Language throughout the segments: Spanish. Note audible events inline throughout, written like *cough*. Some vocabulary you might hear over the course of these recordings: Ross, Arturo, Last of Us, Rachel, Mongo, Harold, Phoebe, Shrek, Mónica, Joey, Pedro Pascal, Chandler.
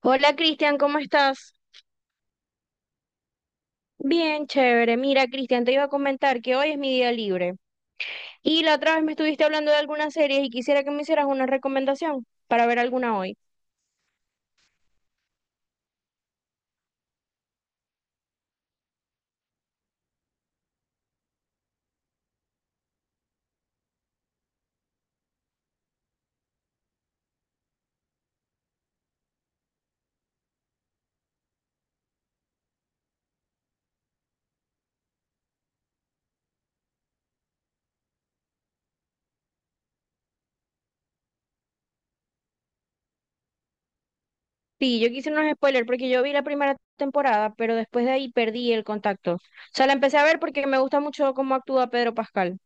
Hola Cristian, ¿cómo estás? Bien, chévere. Mira, Cristian, te iba a comentar que hoy es mi día libre. Y la otra vez me estuviste hablando de algunas series y quisiera que me hicieras una recomendación para ver alguna hoy. Sí, yo quise unos spoilers porque yo vi la primera temporada, pero después de ahí perdí el contacto. O sea, la empecé a ver porque me gusta mucho cómo actúa Pedro Pascal.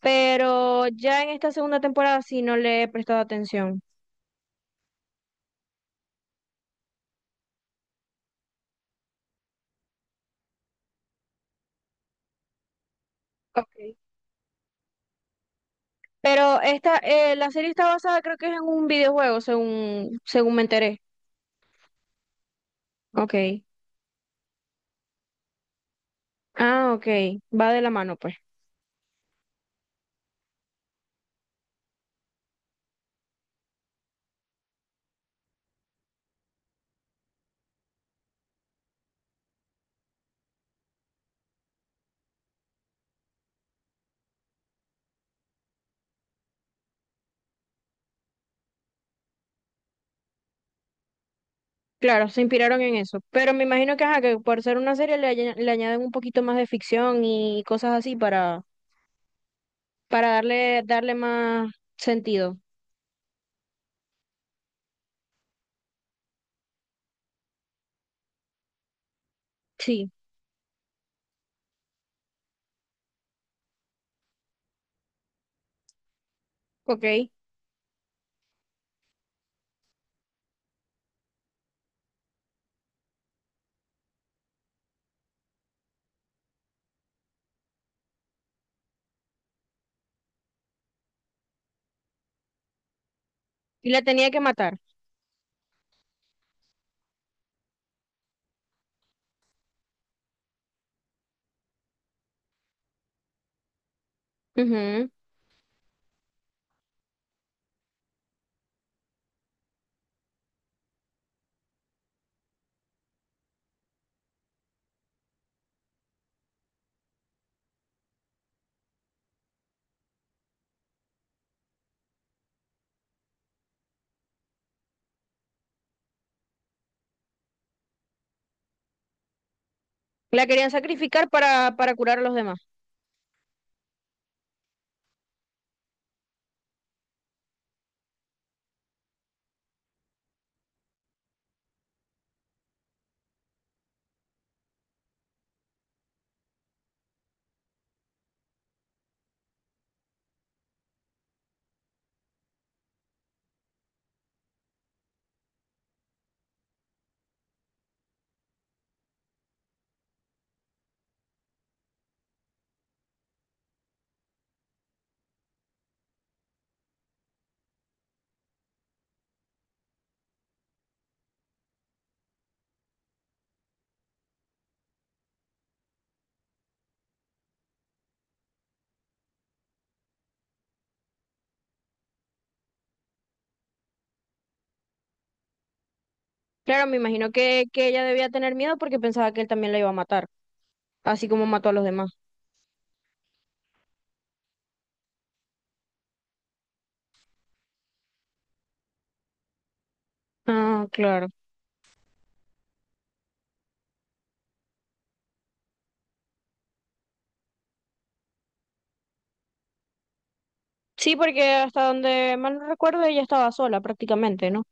Pero ya en esta segunda temporada sí no le he prestado atención. Okay. Pero esta, la serie está basada creo que es en un videojuego, según me enteré. Ok. Ah, ok, va de la mano, pues. Claro, se inspiraron en eso. Pero me imagino que, ajá, que por ser una serie le, le añaden un poquito más de ficción y cosas así para, para darle más sentido. Sí, ok. Y la tenía que matar. Ujú. La querían sacrificar para curar a los demás. Claro, me imagino que ella debía tener miedo porque pensaba que él también la iba a matar, así como mató a los demás. Ah, claro. Sí, porque hasta donde mal no recuerdo, ella estaba sola prácticamente, ¿no?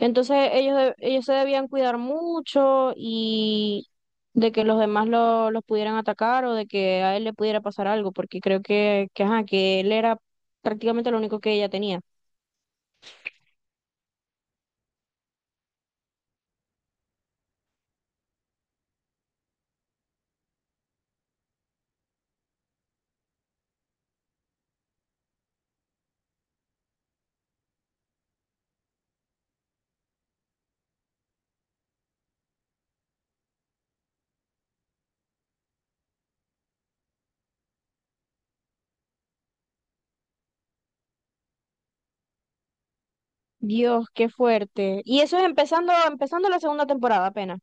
Entonces ellos, ellos se debían cuidar mucho y de que los demás los pudieran atacar o de que a él le pudiera pasar algo, porque creo que, ajá, que él era prácticamente lo único que ella tenía. Dios, qué fuerte. Y eso es empezando, empezando la segunda temporada apenas.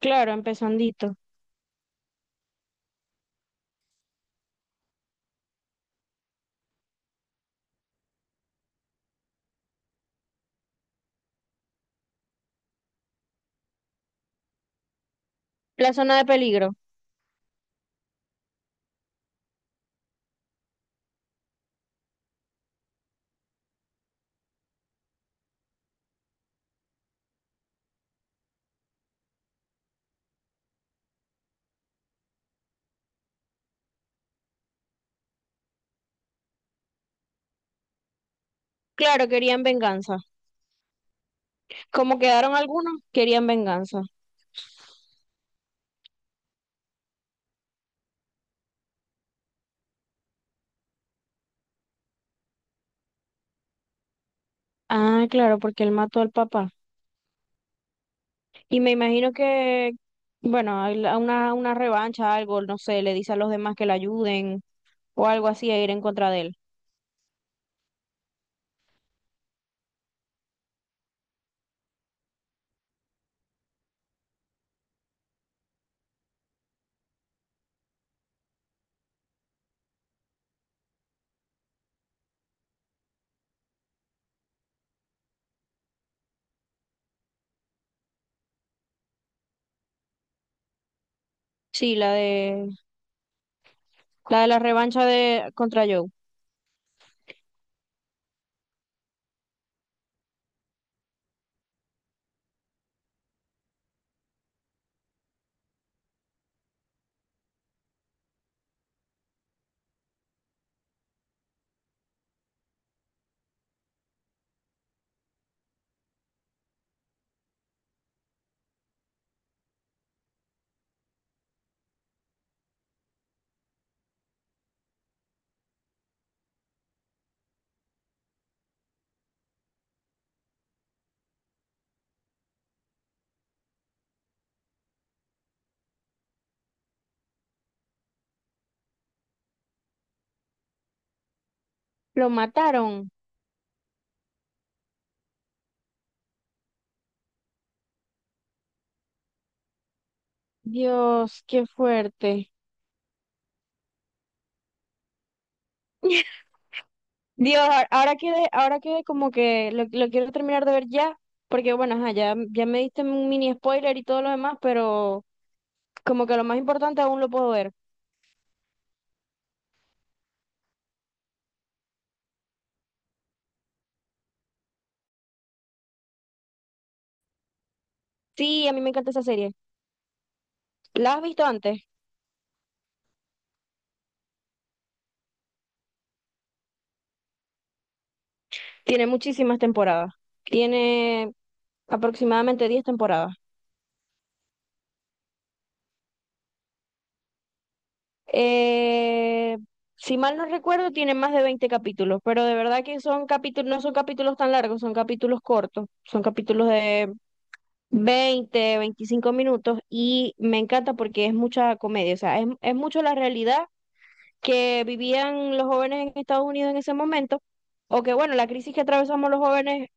Claro, empezandito. La zona de peligro. Claro, querían venganza. Como quedaron algunos, querían venganza. Ah, claro, porque él mató al papá. Y me imagino que, bueno, hay una revancha, algo, no sé, le dice a los demás que le ayuden o algo así a ir en contra de él. Sí, la de la revancha de contra Joe. Lo mataron. Dios, qué fuerte. *laughs* Dios, ahora quedé como que lo quiero terminar de ver ya, porque bueno, ajá, ya, ya me diste un mini spoiler y todo lo demás, pero como que lo más importante aún lo puedo ver. Sí, a mí me encanta esa serie. ¿La has visto antes? Tiene muchísimas temporadas. Tiene aproximadamente 10 temporadas. Eh, si mal no recuerdo, tiene más de 20 capítulos, pero de verdad que son capítulos, no son capítulos tan largos, son capítulos cortos, son capítulos de 20, 25 minutos y me encanta porque es mucha comedia, o sea, es mucho la realidad que vivían los jóvenes en Estados Unidos en ese momento, o que bueno, la crisis que atravesamos los jóvenes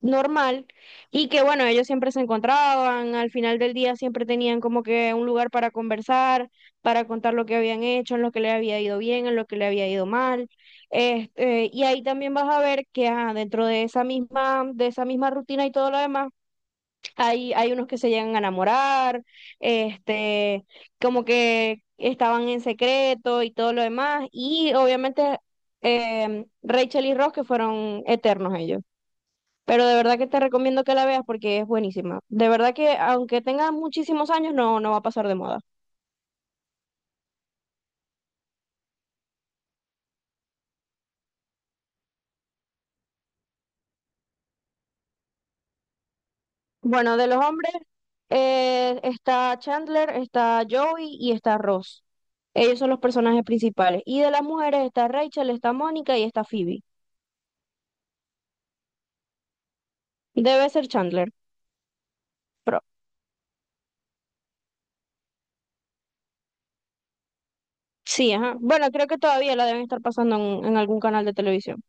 normal. Y que bueno, ellos siempre se encontraban, al final del día siempre tenían como que un lugar para conversar, para contar lo que habían hecho, en lo que le había ido bien, en lo que le había ido mal. Y ahí también vas a ver que ajá, dentro de esa misma rutina y todo lo demás, hay unos que se llegan a enamorar, este, como que estaban en secreto y todo lo demás, y obviamente Rachel y Ross que fueron eternos ellos. Pero de verdad que te recomiendo que la veas porque es buenísima. De verdad que aunque tenga muchísimos años, no, no va a pasar de moda. Bueno, de los hombres está Chandler, está Joey y está Ross. Ellos son los personajes principales. Y de las mujeres está Rachel, está Mónica y está Phoebe. Debe ser Chandler. Pero, sí, ajá. Bueno, creo que todavía la deben estar pasando en algún canal de televisión.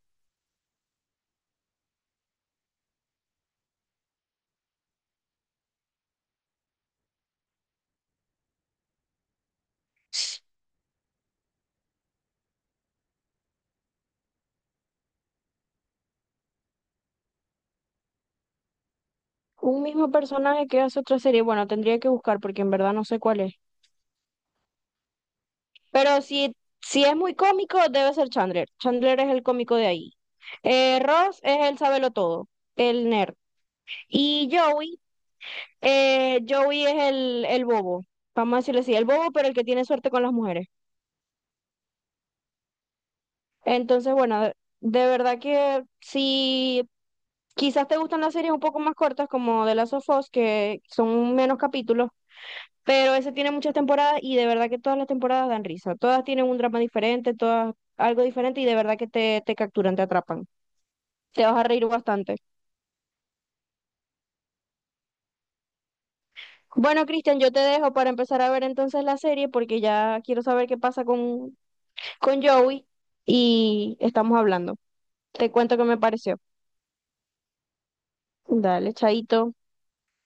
Un mismo personaje que hace otra serie. Bueno, tendría que buscar porque en verdad no sé cuál es. Pero si, si es muy cómico, debe ser Chandler. Chandler es el cómico de ahí. Ross es el sabelo todo, el nerd. Y Joey, Joey es el bobo. Vamos a decirle así, el bobo, pero el que tiene suerte con las mujeres. Entonces, bueno, de verdad que si quizás te gustan las series un poco más cortas, como de Last of Us, que son menos capítulos, pero ese tiene muchas temporadas y de verdad que todas las temporadas dan risa. Todas tienen un drama diferente, todas algo diferente y de verdad que te capturan, te atrapan. Te vas a reír bastante. Bueno, Cristian, yo te dejo para empezar a ver entonces la serie porque ya quiero saber qué pasa con Joey y estamos hablando. Te cuento qué me pareció. Dale, chaito.